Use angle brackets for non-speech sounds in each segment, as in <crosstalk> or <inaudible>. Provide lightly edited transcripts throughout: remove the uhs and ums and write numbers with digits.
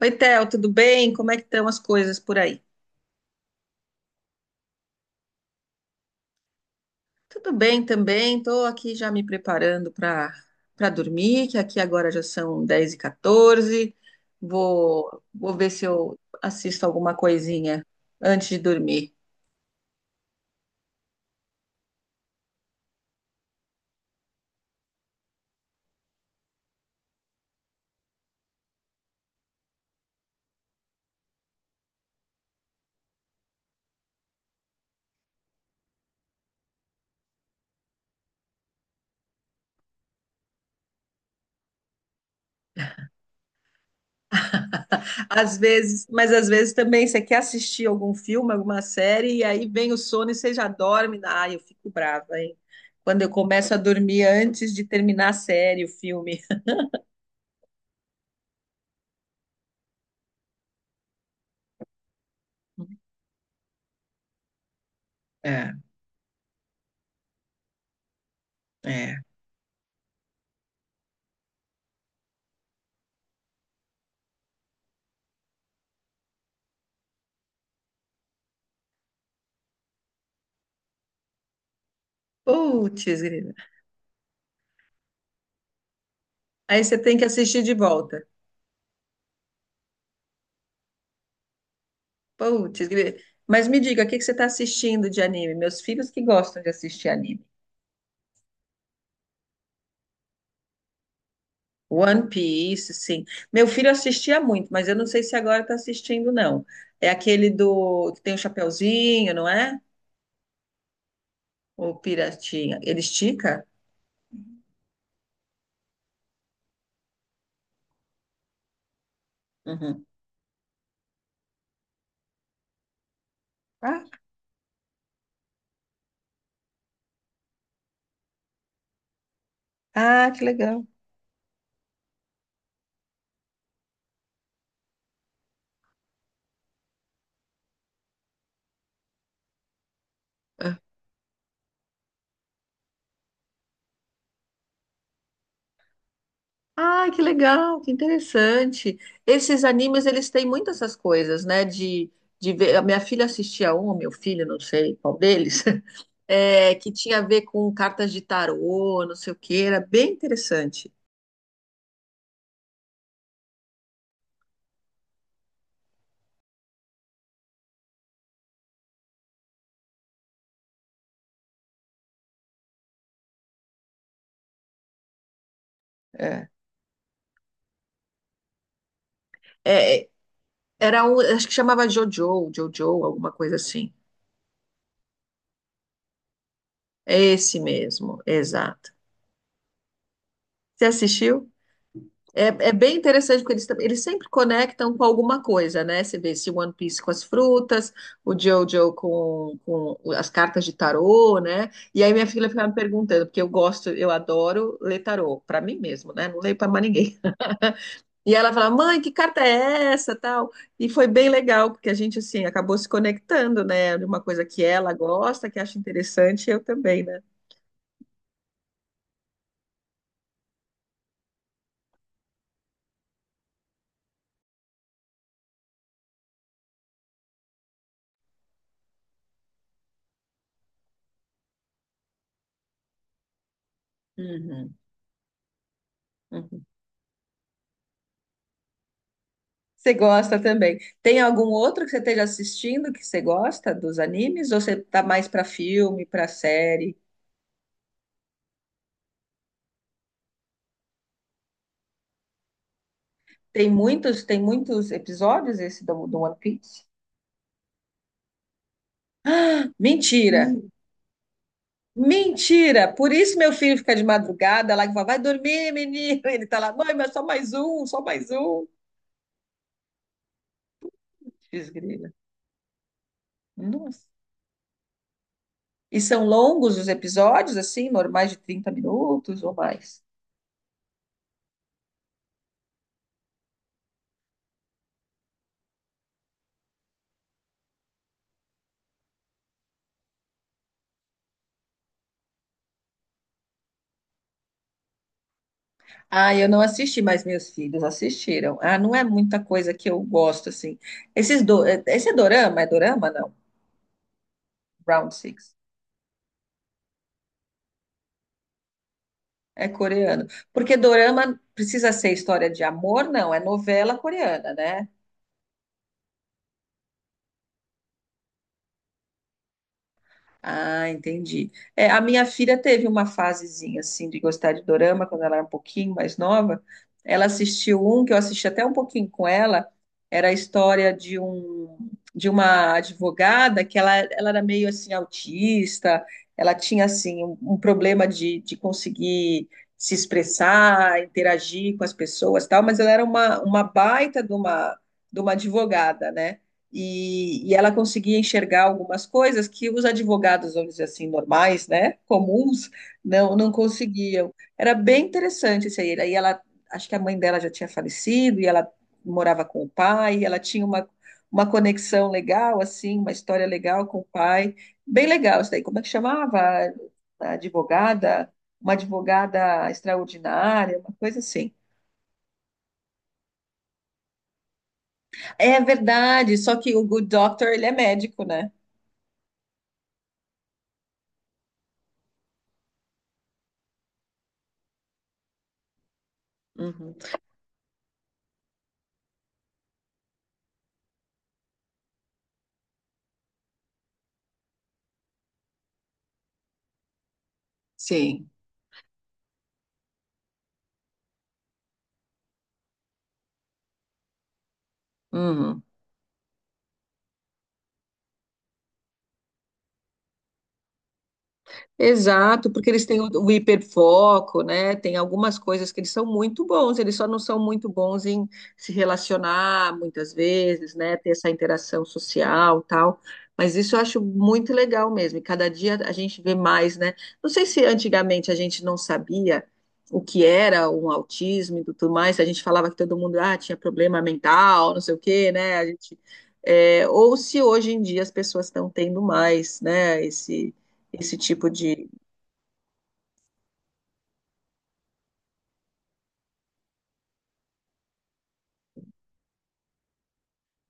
Oi, Theo, tudo bem? Como é que estão as coisas por aí? Tudo bem também, estou aqui já me preparando para dormir, que aqui agora já são dez e 14. Vou ver se eu assisto alguma coisinha antes de dormir. <laughs> Às vezes, mas às vezes também você quer assistir algum filme, alguma série, e aí vem o sono e você já dorme. Ah, eu fico brava, hein? Quando eu começo a dormir antes de terminar a série, o filme. É, é. Putz. Aí você tem que assistir de volta. Putz, mas me diga, o que que você está assistindo de anime? Meus filhos que gostam de assistir anime. One Piece, sim. Meu filho assistia muito, mas eu não sei se agora está assistindo, não. É aquele do que tem o chapeuzinho, não é? O piratinha. Ele estica? Uhum. Ah, ah, que legal. Ah. Ah, que legal, que interessante. Esses animes, eles têm muitas essas coisas, né? De ver. A minha filha assistia um, meu filho, não sei qual deles. <laughs> É, que tinha a ver com cartas de tarô, não sei o que, era bem interessante. É. É, era um, acho que chamava Jojo, Jojo, alguma coisa assim. É esse mesmo, exato. Você assistiu? É, é bem interessante, porque eles, eles sempre conectam com alguma coisa, né? Você vê esse One Piece com as frutas, o Jojo com as cartas de tarô, né? E aí minha filha ficava me perguntando, porque eu gosto, eu adoro ler tarô, para mim mesmo, né? Não leio para mais ninguém. E ela falava, mãe, que carta é essa, tal? E foi bem legal, porque a gente, assim, acabou se conectando, né? De uma coisa que ela gosta, que acha interessante, e eu também, né? Uhum, uhum. Você gosta também. Tem algum outro que você esteja assistindo que você gosta dos animes? Ou você tá mais para filme, para série? Tem muitos episódios esse do One Piece? Ah, mentira! Hum. Mentira! Por isso meu filho fica de madrugada lá e fala, vai dormir, menino. Ele tá lá, mãe, mas só mais um, só mais um. Desgrila. Nossa. E são longos os episódios, assim, normais de 30 minutos ou mais? Ah, eu não assisti, mas meus filhos assistiram. Ah, não é muita coisa que eu gosto, assim. Esse é dorama? É dorama, não? Round Six. É coreano. Porque dorama precisa ser história de amor? Não, é novela coreana, né? Ah, entendi. É, a minha filha teve uma fasezinha assim de gostar de dorama quando ela era um pouquinho mais nova. Ela assistiu um que eu assisti até um pouquinho com ela. Era a história de uma advogada que ela era meio assim autista. Ela tinha assim um problema de conseguir se expressar, interagir com as pessoas, e tal. Mas ela era uma baita de uma advogada, né? E ela conseguia enxergar algumas coisas que os advogados, vamos dizer assim, normais, né, comuns, não, não conseguiam. Era bem interessante isso aí. Aí ela, acho que a mãe dela já tinha falecido e ela morava com o pai, e ela tinha uma conexão legal, assim, uma história legal com o pai. Bem legal isso daí. Como é que chamava? A advogada, uma advogada extraordinária, uma coisa assim. É verdade, só que o Good Doctor, ele é médico, né? Uhum. Sim. Uhum. Exato, porque eles têm o hiperfoco, né? Tem algumas coisas que eles são muito bons, eles só não são muito bons em se relacionar muitas vezes, né? Ter essa interação social, tal. Mas isso eu acho muito legal mesmo. E cada dia a gente vê mais, né? Não sei se antigamente a gente não sabia o que era um autismo e tudo mais. A gente falava que todo mundo tinha problema mental, não sei o quê, né? A gente, é, ou se hoje em dia as pessoas estão tendo mais, né? Esse tipo de.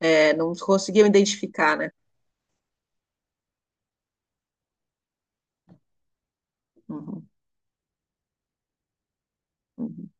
É, não conseguiam identificar, né? Uhum, uhum.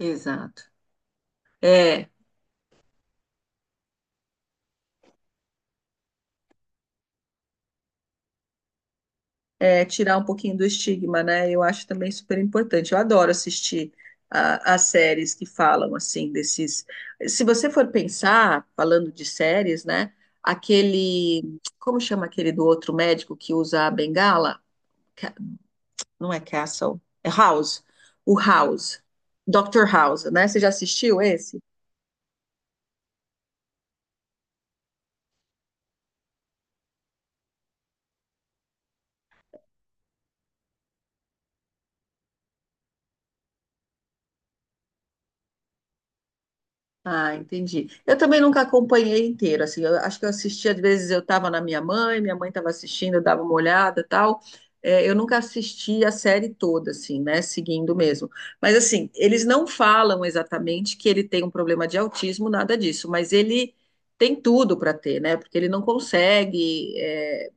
Exato. É, é, tirar um pouquinho do estigma, né? Eu acho também super importante. Eu adoro assistir as séries que falam assim desses. Se você for pensar, falando de séries, né? Aquele. Como chama aquele do outro médico que usa a bengala? Ca- Não é Castle, é House. O House. Dr. House, né? Você já assistiu esse? Ah, entendi. Eu também nunca acompanhei inteiro, assim, eu acho que eu assistia, às vezes eu estava na minha mãe estava assistindo, eu dava uma olhada e tal. É, eu nunca assisti a série toda, assim, né, seguindo mesmo. Mas, assim, eles não falam exatamente que ele tem um problema de autismo, nada disso, mas ele tem tudo para ter, né, porque ele não consegue. É,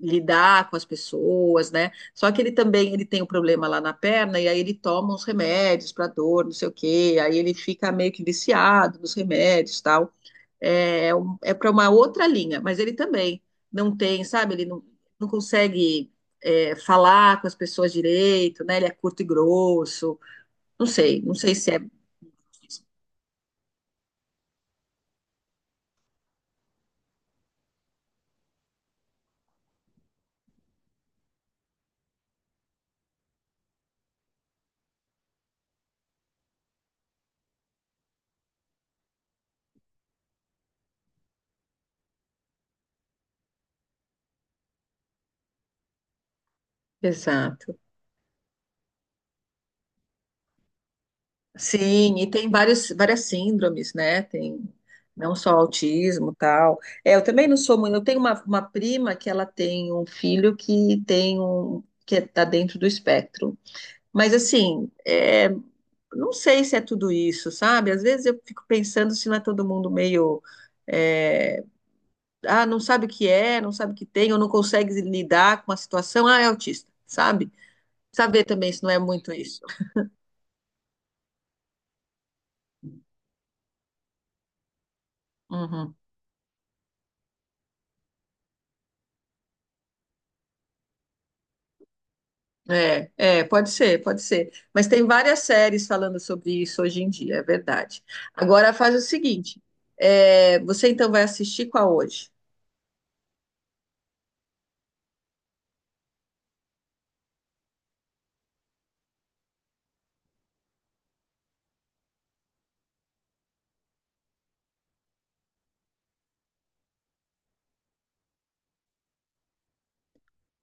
lidar com as pessoas, né? Só que ele também ele tem um problema lá na perna e aí ele toma uns remédios para dor, não sei o quê, aí ele fica meio que viciado nos remédios, tal. É, é para uma outra linha, mas ele também não tem, sabe? Ele não, não consegue, é, falar com as pessoas direito, né? Ele é curto e grosso. Não sei, não sei se é exato. Sim, e tem vários, várias síndromes, né? Tem não só autismo, tal. É, eu também não sou muito. Eu tenho uma prima que ela tem um filho que tem um que está dentro do espectro. Mas assim, é, não sei se é tudo isso, sabe? Às vezes eu fico pensando se não é todo mundo meio é, não sabe o que é, não sabe o que tem, ou não consegue lidar com a situação, ah, é autista, sabe? Saber também se não é muito isso. Uhum. É, é, pode ser, pode ser. Mas tem várias séries falando sobre isso hoje em dia, é verdade. Agora faz o seguinte: é, você então vai assistir qual hoje?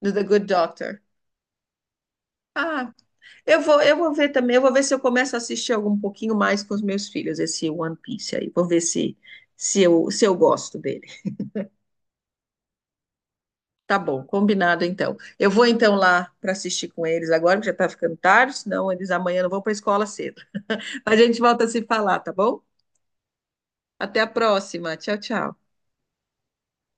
Do The Good Doctor. Ah, eu vou ver também, eu vou ver se eu começo a assistir algum um pouquinho mais com os meus filhos, esse One Piece aí. Vou ver se eu gosto dele. Tá bom, combinado então. Eu vou então lá para assistir com eles agora, porque já tá ficando tarde, senão eles amanhã não vão para a escola cedo. <laughs> A gente volta a se falar, tá bom? Até a próxima. Tchau, tchau.